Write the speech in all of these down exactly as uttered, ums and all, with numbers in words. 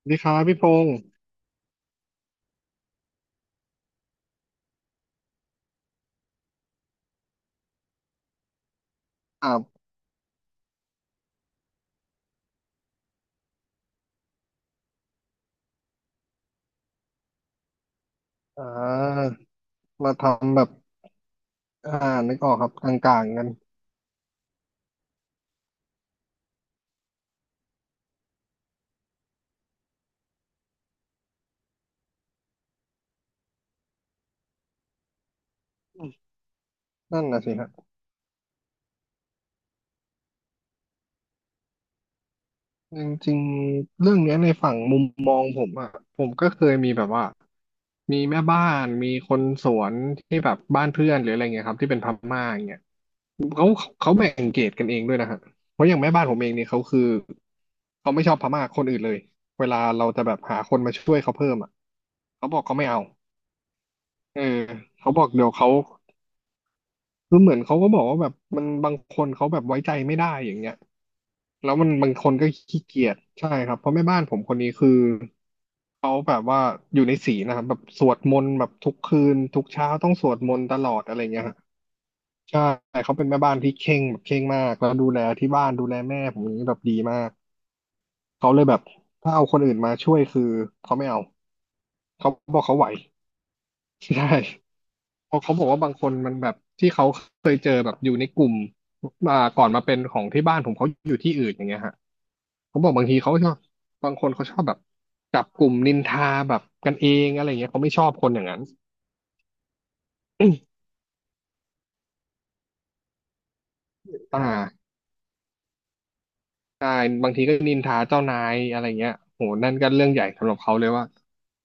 สวัสดีครับพี่พงศ์ครับอ่ามาทำแบบอ่านึกออกครับกลางๆกันอืมนั่นน่ะสิครับจริงๆเรื่องเนี้ยในฝั่งมุมมองผมอ่ะผมก็เคยมีแบบว่ามีแม่บ้านมีคนสวนที่แบบบ้านเพื่อนหรืออะไรเงี้ยครับที่เป็นพม่าอย่างเงี้ยเขาเขาแบ่งเกรดกันเองด้วยนะฮะเพราะอย่างแม่บ้านผมเองเนี่ยเขาคือเขาไม่ชอบพม่าคนอื่นเลยเวลาเราจะแบบหาคนมาช่วยเขาเพิ่มอ่ะเขาบอกเขาไม่เอาเออเขาบอกเดี๋ยวเขา คือเหมือนเขาก็บอกว่าแบบมันบางคนเขาแบบไว้ใจไม่ได้อย่างเงี้ยแล้วมันบางคนก็ขี้เกียจใช่ครับเพราะแม่บ้านผมคนนี้คือเขาแบบว่าอยู่ในศีลนะครับแบบสวดมนต์แบบทุกคืนทุกเช้าต้องสวดมนต์ตลอดอะไรเงี้ยฮะใช่เขาเป็นแม่บ้านที่เคร่งแบบเคร่งมากแล้วดูแลที่บ้านดูแลแม่ผมอย่างนี้แบบดีมากเขาเลยแบบถ้าเอาคนอื่นมาช่วยคือเขาไม่เอาเขาบอกเขาไหว ใช่ เพราะเขาบอกว่าบางคนมันแบบที่เขาเคยเจอแบบอยู่ในกลุ่มอ่าก่อนมาเป็นของที่บ้านผมเขาอยู่ที่อื่นอย่างเงี้ยฮะเขาบอกบางทีเขาชอบบางคนเขาชอบแบบจับกลุ่มนินทาแบบกันเองอะไรเงี้ยเขาไม่ชอบคนอย่างนั้น อ่าใช่บางทีก็นินทาเจ้านายอะไรเงี้ยโหนั่นก็เรื่องใหญ่สำหรับเขาเลยว่า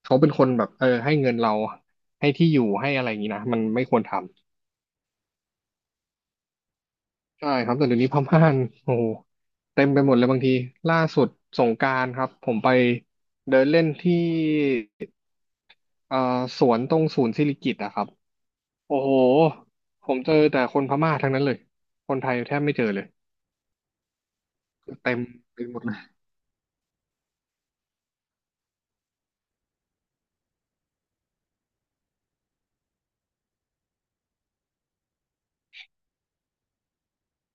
เขาเป็นคนแบบเออให้เงินเราให้ที่อยู่ให้อะไรอย่างงี้นะมันไม่ควรทำ ใช่ครับแต่เดี๋ยวนี้พม่านโอ้โหเต็มไปหมดเลยบางทีล่าสุดสงกรานต์ครับผมไปเดินเล่นที่เอ่อสวนตรงศูนย์สิริกิติ์อะครับโอ้โหผมเจอแต่คนพม่าทั้งนั้นเลยคนไทยแทบไม่เจอเลยคือเต็มไปหมดเลย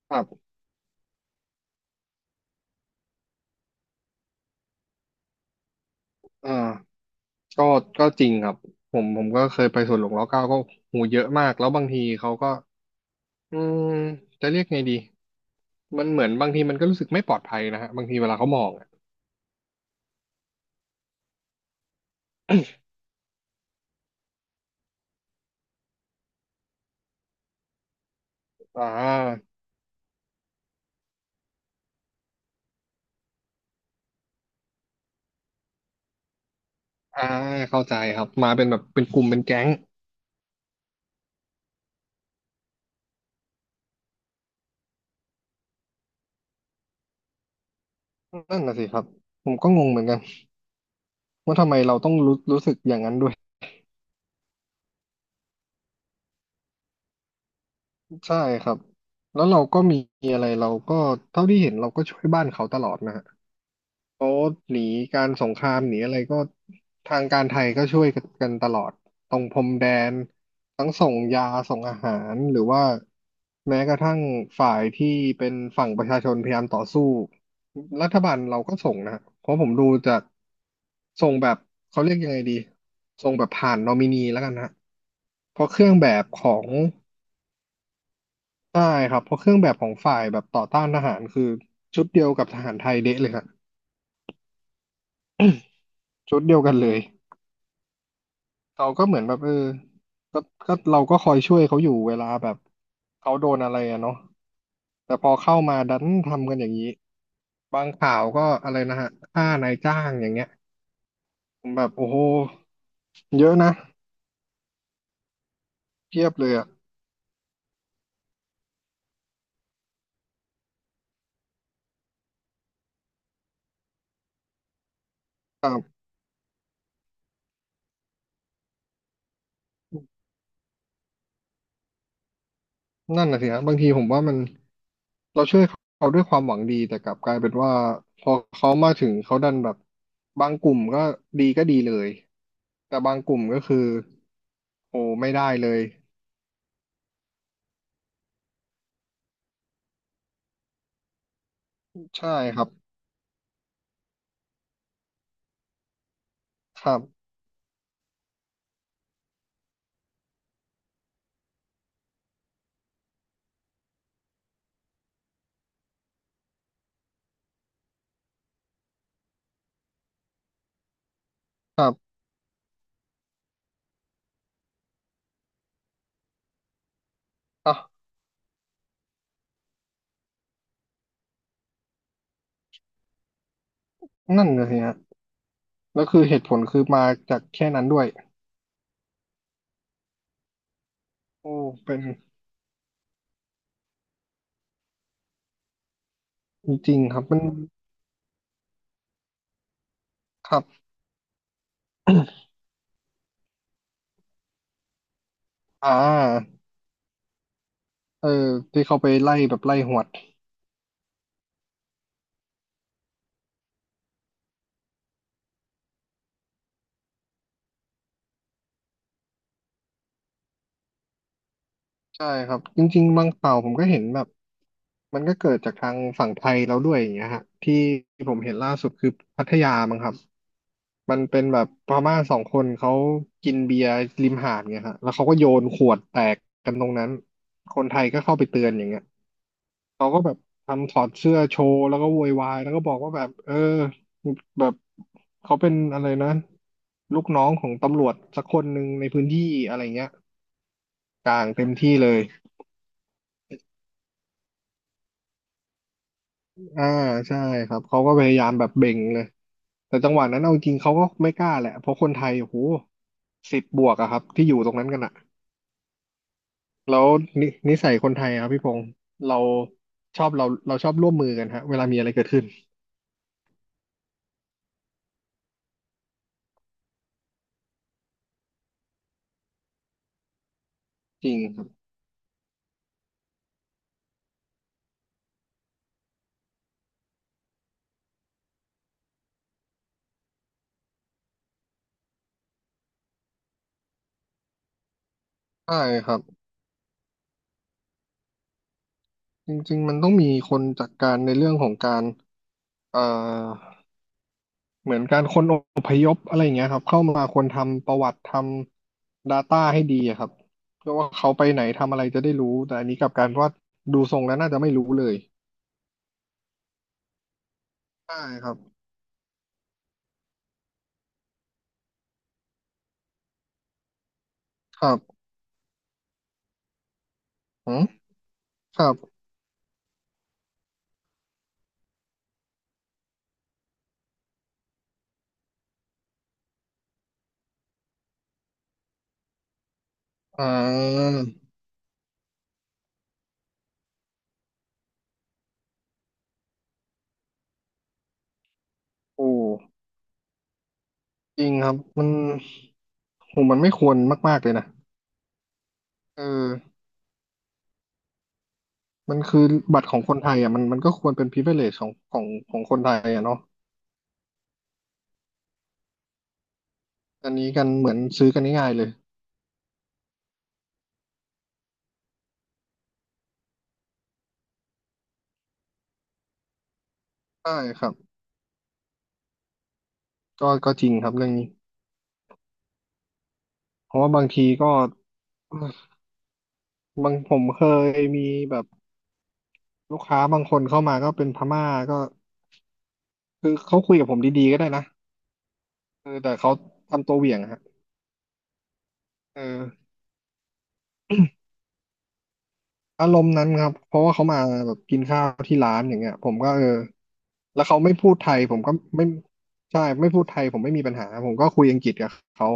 ครับอ่าก็ก็จริงครับผมผมก็เคยไปสวนหลวงรัชกาลเกาก็หูเยอะมากแล้วบางทีเขาก็อืมจะเรียกไงดีมันเหมือนบางทีมันก็รู้สึกไม่ปลอดภัยนะฮะบางทีเวลาเขามองอะอ่า อ่าเข้าใจครับมาเป็นแบบเป็นกลุ่มเป็นแก๊งนั่นน่ะสิครับผมก็งงเหมือนกันว่าทำไมเราต้องรู้รู้สึกอย่างนั้นด้วยใช่ครับแล้วเราก็มีอะไรเราก็เท่าที่เห็นเราก็ช่วยบ้านเขาตลอดนะฮะ เขาหนีการสงครามหนีอะไรก็ทางการไทยก็ช่วยกันตลอดตรงพรมแดนทั้งส่งยาส่งอาหารหรือว่าแม้กระทั่งฝ่ายที่เป็นฝั่งประชาชนพยายามต่อสู้รัฐบาลเราก็ส่งนะเพราะผมดูจากส่งแบบเขาเรียกยังไงดีส่งแบบผ่านนอมินีแล้วกันฮะเพราะเครื่องแบบของใช่ครับเพราะเครื่องแบบของฝ่ายแบบต่อต้านทหารคือชุดเดียวกับทหารไทยเดะเลยครับชุดเดียวกันเลย เขาก็เหมือนแบบเออก็ก็เราก็คอยช่วยเขาอยู่เวลาแบบเขาโดนอะไรอะเนาะแต่พอเข้ามาดันทำกันอย่างนี้ บางข่าวก็อะไรนะฮะฆ่านายจ้างอย่างเงี้ยผมแบบโอ้โหเยอะนะเทียบเลยอะนั่นน่ะสิฮะบางทีผมว่ามันเราช่วยเขาด้วยความหวังดีแต่กลับกลายเป็นว่าพอเขามาถึงเขาดันแบบบางกลุ่มก็ดีก็ดีเลย แต่บางกลุ่มก็คือโอ้ไม่ได้เลย ใช่ครับครับ ครับอ่ะนั่นเลยฮะแล้วคือเหตุผลคือมาจากแค่นั้นด้วยโอ้เป็นจริงๆครับมันครับ อ่าเออที่เขาไปไล่แบบไล่หวดใช่ครับจริงๆบางข่าวผมก็เห็นแบบมันก็เกิดจากทางฝั่งไทยแล้วด้วยอย่างเงี้ยฮะที่ผมเห็นล่าสุดคือพัทยามั้งครับมันเป็นแบบพม่าสองคนเขากินเบียร์ริมหาดเงี้ยฮะแล้วเขาก็โยนขวดแตกกันตรงนั้นคนไทยก็เข้าไปเตือนอย่างเงี้ย เขาก็แบบทำถอดเสื้อโชว์แล้วก็โวยวายแล้วก็บอกว่าแบบเออแบบเขาเป็นอะไรนะลูกน้องของตำรวจสักคนหนึ่งในพื้นที่อะไรเงี้ยกลางเต็มที่เลยอ่าใช่ครับเขาก็พยายามแบบเบ่งเลยแต่จังหวะนั้นเอาจริงเขาก็ไม่กล้าแหละเพราะคนไทยโอ้โหสิบบวกอะครับที่อยู่ตรงนั้นกันอะแล้วนินิสัยคนไทยอะครับพี่พงศ์เราชอบเราเราชอบร่วมมือกันฮะเวลามีอะไรเกิดขึ้นจริงครับใช่ครับ จริงๆมันต้องมีคนจัดการในเรื่องของการเอ่อเหมือนการคนอพยพอะไรอย่างเงี้ยครับเข้ามาควรทำประวัติทำ ดาต้า ให้ดีอะครับเพื่อว่าเขาไปไหนทำอะไรจะได้รู้แต่อันนี้กลับกลารว่าดูทรงแล้วน่าจะไม่รู้เลยใช่ครับครับอืมครับอ่าโอ้จริงครับมันโหมันไม่ควรมากๆเลยนะเออมันคือบัตรของคนไทยอ่ะมันมันก็ควรเป็น พริวิเลจ ของของของคนไทยอ่ะเนาะอันนี้กันเหมือนซื้อกันง่ายๆเลย ใช่ครับก็ก็จริงครับเรื่องนี้เพราะว่าบางทีก็บางผมเคยมีแบบลูกค้าบางคนเข้ามาก็เป็นพม่าก็คือเขาคุยกับผมดีๆก็ได้นะเออแต่เขาทำตัวเหวี่ยงอะฮะเอออารมณ์นั้นครับเพราะว่าเขามาแบบกินข้าวที่ร้านอย่างเงี้ยผมก็เออแล้วเขาไม่พูดไทยผมก็ไม่ใช่ไม่พูดไทยผมไม่มีปัญหาผมก็คุยอังกฤษกับเขา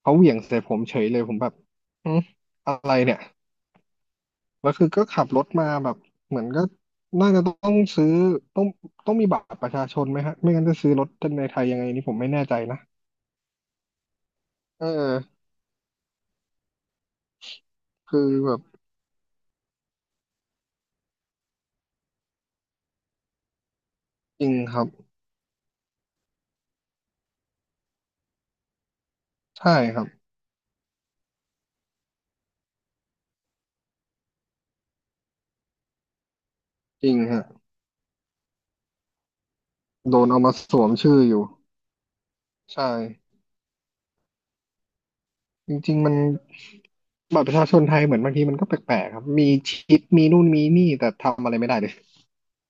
เขาเหวี่ยงใส่ผมเฉยเลยผมแบบอืมอะไรเนี่ย แล้วคือก็ขับรถมาแบบเหมือนก็น่าจะต้องซื้อต้องต้องมีบัตรประชาชนไหมฮะไม่งั้นจะซื้อรถในไทยยังไงนี่ผมไม่แน่ใจนะเออคือแบบจริงครับใช่ครับจริงฮะโดนเอามาสวมชื่ออยู่ใช่จริงๆมันบัตรประชาชนไทยเหมือนบางทีมันก็แปลกๆครับมีชิปมีนู่นมีนี่แต่ทำอะไรไม่ได้เลย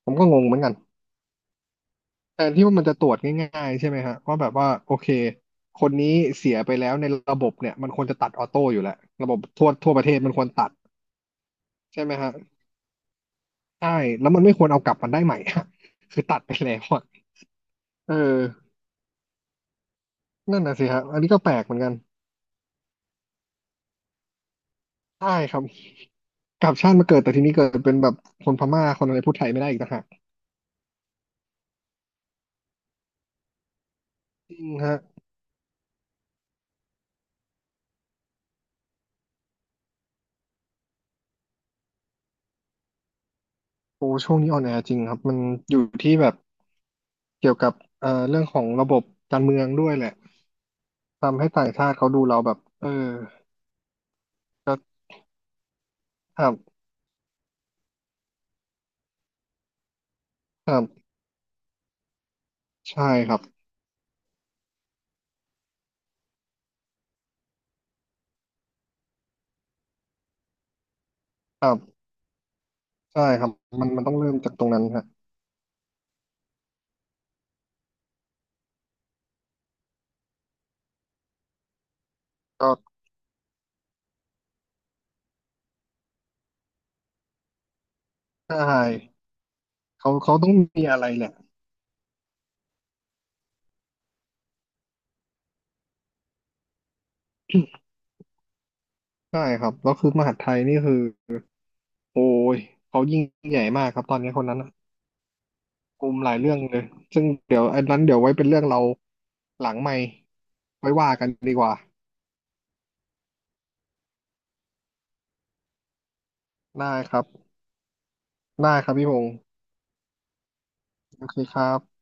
ผมก็งงเหมือนกัน แทนที่ว่ามันจะตรวจง่ายๆใช่ไหมฮะว่าแบบว่าโอเคคนนี้เสียไปแล้วในระบบเนี่ยมันควรจะตัดออโต้อยู่แล้วระบบทั่วทั่วประเทศมันควรตัดใช่ไหมฮะใช่แล้วมันไม่ควรเอากลับมันได้ใหม่อะ คือตัดไปแล้วอะเออนั่นน่ะสิฮะอันนี้ก็แปลกเหมือนกันใช่ครับกลับชาติมาเกิดแต่ทีนี้เกิดเป็นแบบคนพม่าคนอะไรพูดไทยไม่ได้อีกต่างหากจริงฮะโอ้ช่วงนี้ออนแอร์จริงครับมันอยู่ที่แบบเกี่ยวกับเอ่อเรื่องของระบบการเมืองด้วยแหละทำให้ต่างชาติเขาดูเราแบบเออก็ครบ ครับใช่ครับครับใช่ครับมันมันต้องเริ่มจากตรงนั้นฮะก็ใช่เขาเขาต้องมีอะไรแหละใช่ครับแล้วคือมหาดไทยนี่คือโอ้ยเขายิ่งใหญ่มากครับตอนนี้คนนั้นน่ะกลุ่มหลายเรื่องเลย ซึ่งเดี๋ยวอันนั้นเดี๋ยวไว้เป็นเรื่องเราหลังไมค์ไว้ว่ากันดีกว่าได้ครับได้ครับพี่พงศ์โอเคครับ